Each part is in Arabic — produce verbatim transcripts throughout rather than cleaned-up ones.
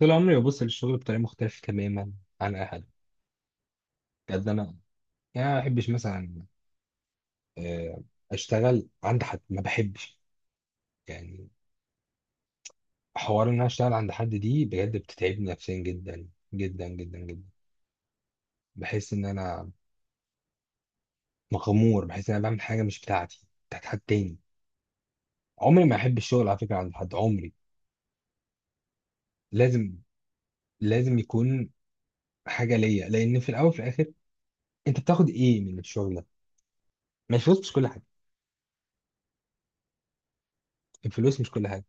طول عمري ببص للشغل بطريقة مختلفة تماما عن أي حد. قد أنا، يعني أنا ما بحبش مثلا، آه، أشتغل عند حد ما بحبش، يعني حوار إن أنا أشتغل عند حد دي بجد بتتعبني نفسيا جدا جدا جدا جدا. بحس إن أنا مغمور، بحس إن أنا بعمل حاجة مش بتاعتي، بتاعت حد تاني. عمري ما أحب الشغل على فكرة عند حد، عمري. لازم لازم يكون حاجة ليا، لأن في الأول وفي الآخر أنت بتاخد إيه من الشغل ده؟ ما الفلوس مش كل حاجة، الفلوس مش كل حاجة.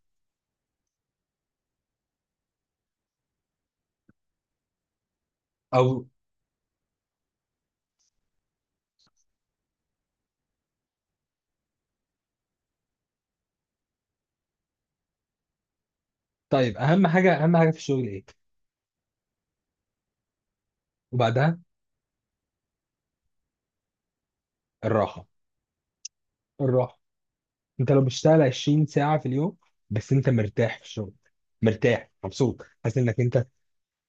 أو. طيب، أهم حاجة أهم حاجة في الشغل إيه؟ وبعدها؟ الراحة، الراحة. انت لو بتشتغل عشرين ساعة في اليوم، بس انت مرتاح في الشغل، مرتاح مبسوط، حاسس انك انت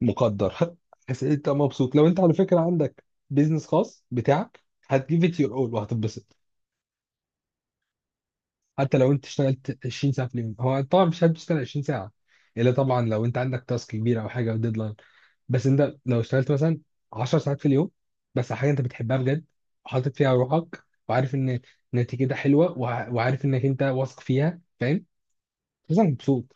مقدر حاسس انت مبسوط. لو انت على فكرة عندك بيزنس خاص بتاعك، هتجيب ات يور اول وهتتبسط. حتى لو انت اشتغلت عشرين ساعه في اليوم، هو طبعا مش هتشتغل عشرين ساعه، الا طبعا لو انت عندك تاسك كبير او حاجه او ديدلاين. بس انت لو اشتغلت مثلا عشر ساعات في اليوم، بس على حاجه انت بتحبها بجد، وحاطط فيها روحك، وعارف ان نتيجتها حلوه، وع- وعارف انك انت واثق فيها، فاهم، مثلا، مبسوط.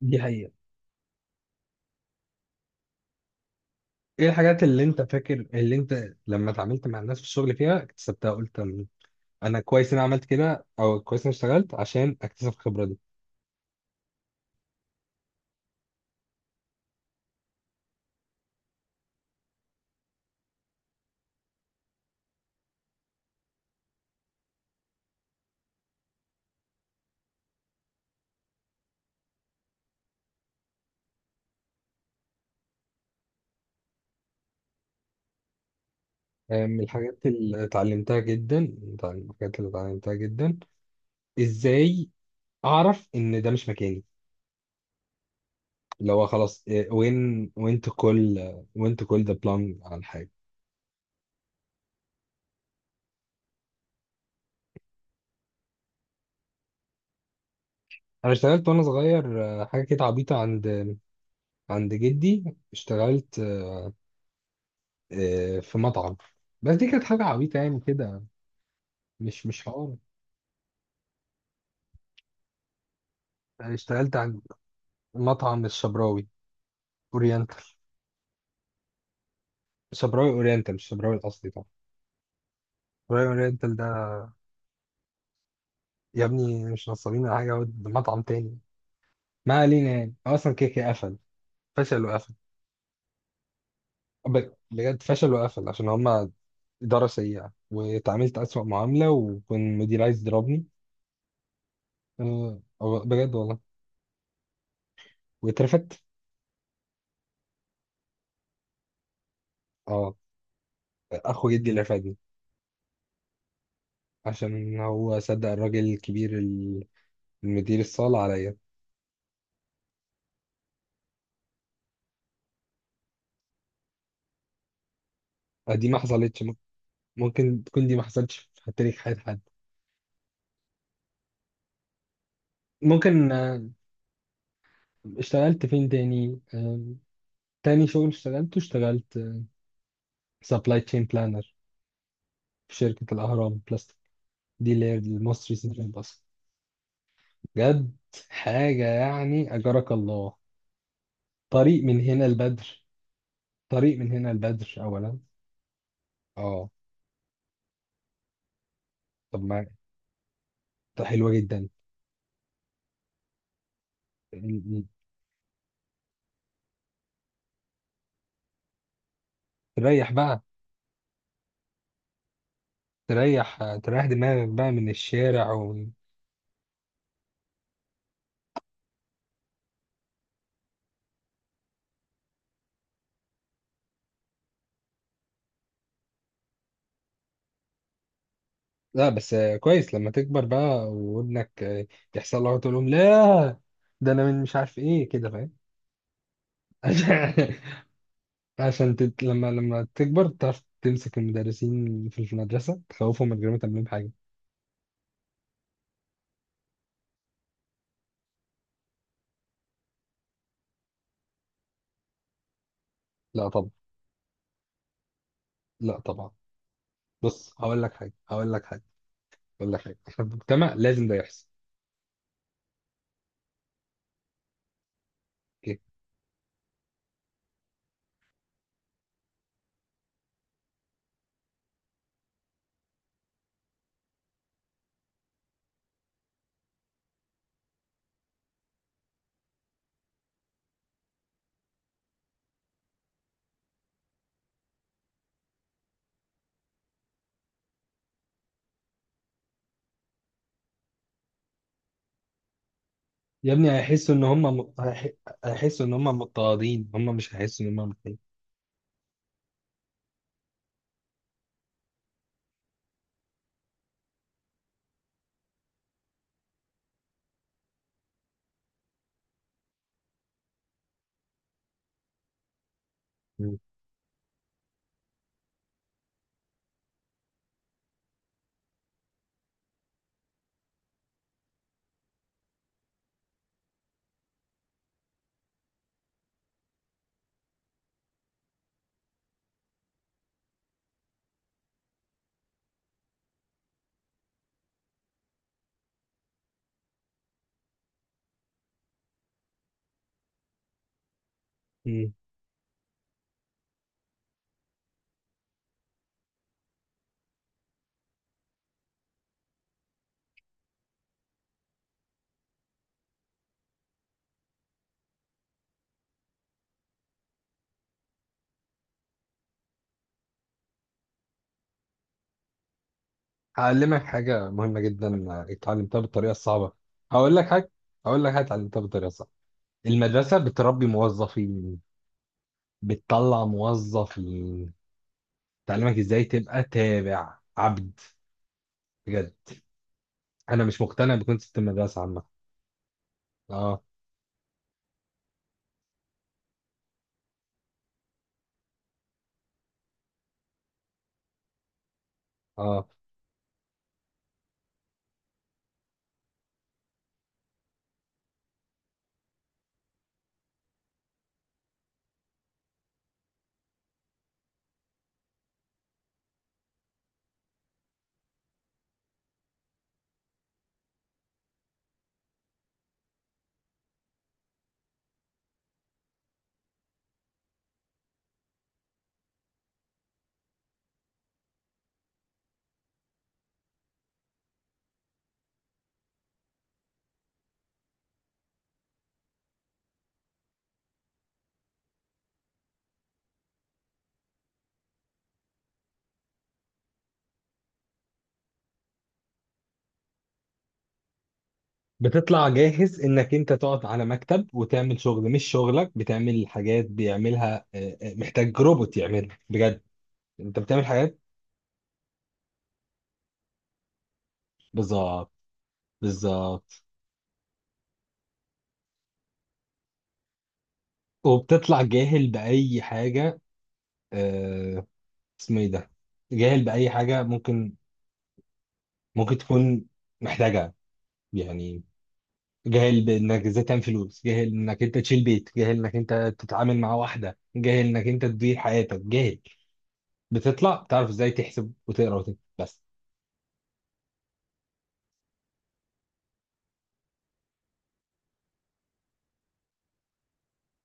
دي حقيقه. ايه الحاجات اللي انت فاكر، اللي انت لما اتعاملت مع الناس في الشغل فيها اكتسبتها، قلت انا كويس إن انا عملت كده، او كويس إن انا اشتغلت عشان اكتسب الخبره دي؟ آه، من الحاجات اللي اتعلمتها جدا، من الحاجات اللي اتعلمتها جدا ازاي اعرف ان ده مش مكاني. اللي هو خلاص، وين وين تو كول وين تو كول ذا بلان عن حاجه. انا اشتغلت وانا صغير، آه، حاجه كده عبيطه، عند عند جدي اشتغلت، آه، في مطعم. بس دي كانت حاجه عبيطه يعني كده، مش مش حوار. اشتغلت عند مطعم الشبراوي اورينتال. شبراوي اورينتال مش الشبراوي الاصلي طبعا، شبراوي اورينتال ده. يا ابني مش نصابين ولا حاجه، هو ده مطعم تاني. ما علينا، يعني هو اصلا كده كده قفل. فشل وقفل. ب- بجد فشل وقفل عشان هما إدارة سيئة، واتعاملت أسوأ معاملة، وكان مدير عايز يضربني. أه، بجد والله، واترفدت. اه، أخو جدي اللي رفدني. عشان هو صدق الراجل الكبير، ال- المدير الصالة عليا. آه، دي ما حصلتش مم- ممكن تكون دي ما حصلتش في تاريخ حياة حد. ممكن، آه. اشتغلت فين تاني؟ آه، تاني شغل اشتغلته، اشتغلت سبلاي تشين بلانر في شركة الأهرام بلاست، دي اللي هي المصري سيتي باص. بجد، حاجة يعني أجرك الله. طريق من هنا البدر، طريق من هنا البدر أولا. اه. طب ما طب حلوة جدا. م- م- تريح بقى، تريح تريح دماغك بقى من الشارع و... لا بس، آه، كويس لما تكبر بقى، وابنك، آه، يحصل له، تقول لهم لا، ده انا من مش عارف ايه كده، فاهم. عشان عشان تت... لما لما تكبر، تعرف تمسك المدرسين في المدرسة، تخوفهم من غير ما تعمل لهم حاجة. لا طبعا. لا طبعا. بص، هقول لك حاجه هقول لك حاجه هقول لك حاجه في المجتمع، لازم ده يحصل. اوكي. يا ابني، هيحسوا ان هم م... هيح- هيحسوا ان هم مضطهدين، هم مش هيحسوا ان هم مضطهدين. مم. مم. هعلمك حاجه مهمه جدا، اتعلمتها بالطريقه الصعبه. هقول لك حاجه هقول لك حاجه اتعلمتها بالطريقه الصعبه. المدرسه بتربي موظفين، بتطلع موظفين، تعلمك ازاي تبقى تابع عبد. بجد. انا مش مقتنع بكونسيبت المدرسه عامه. اه، اه. بتطلع جاهز انك انت تقعد على مكتب وتعمل شغل مش شغلك، بتعمل حاجات بيعملها، آه، آه، محتاج روبوت يعملها بجد. انت بتعمل حاجات. بالظبط، بالظبط. وبتطلع جاهل بأي حاجة، آه، اسمه ايه ده، جاهل بأي حاجة ممكن، ممكن تكون محتاجها، يعني، جاهل بانك ازاي تعمل فلوس، جاهل انك انت تشيل بيت، جاهل انك انت تتعامل مع واحدة، جاهل انك انت تدير حياتك، جاهل. بتطلع بتعرف ازاي تحسب وتقرا وتكتب بس.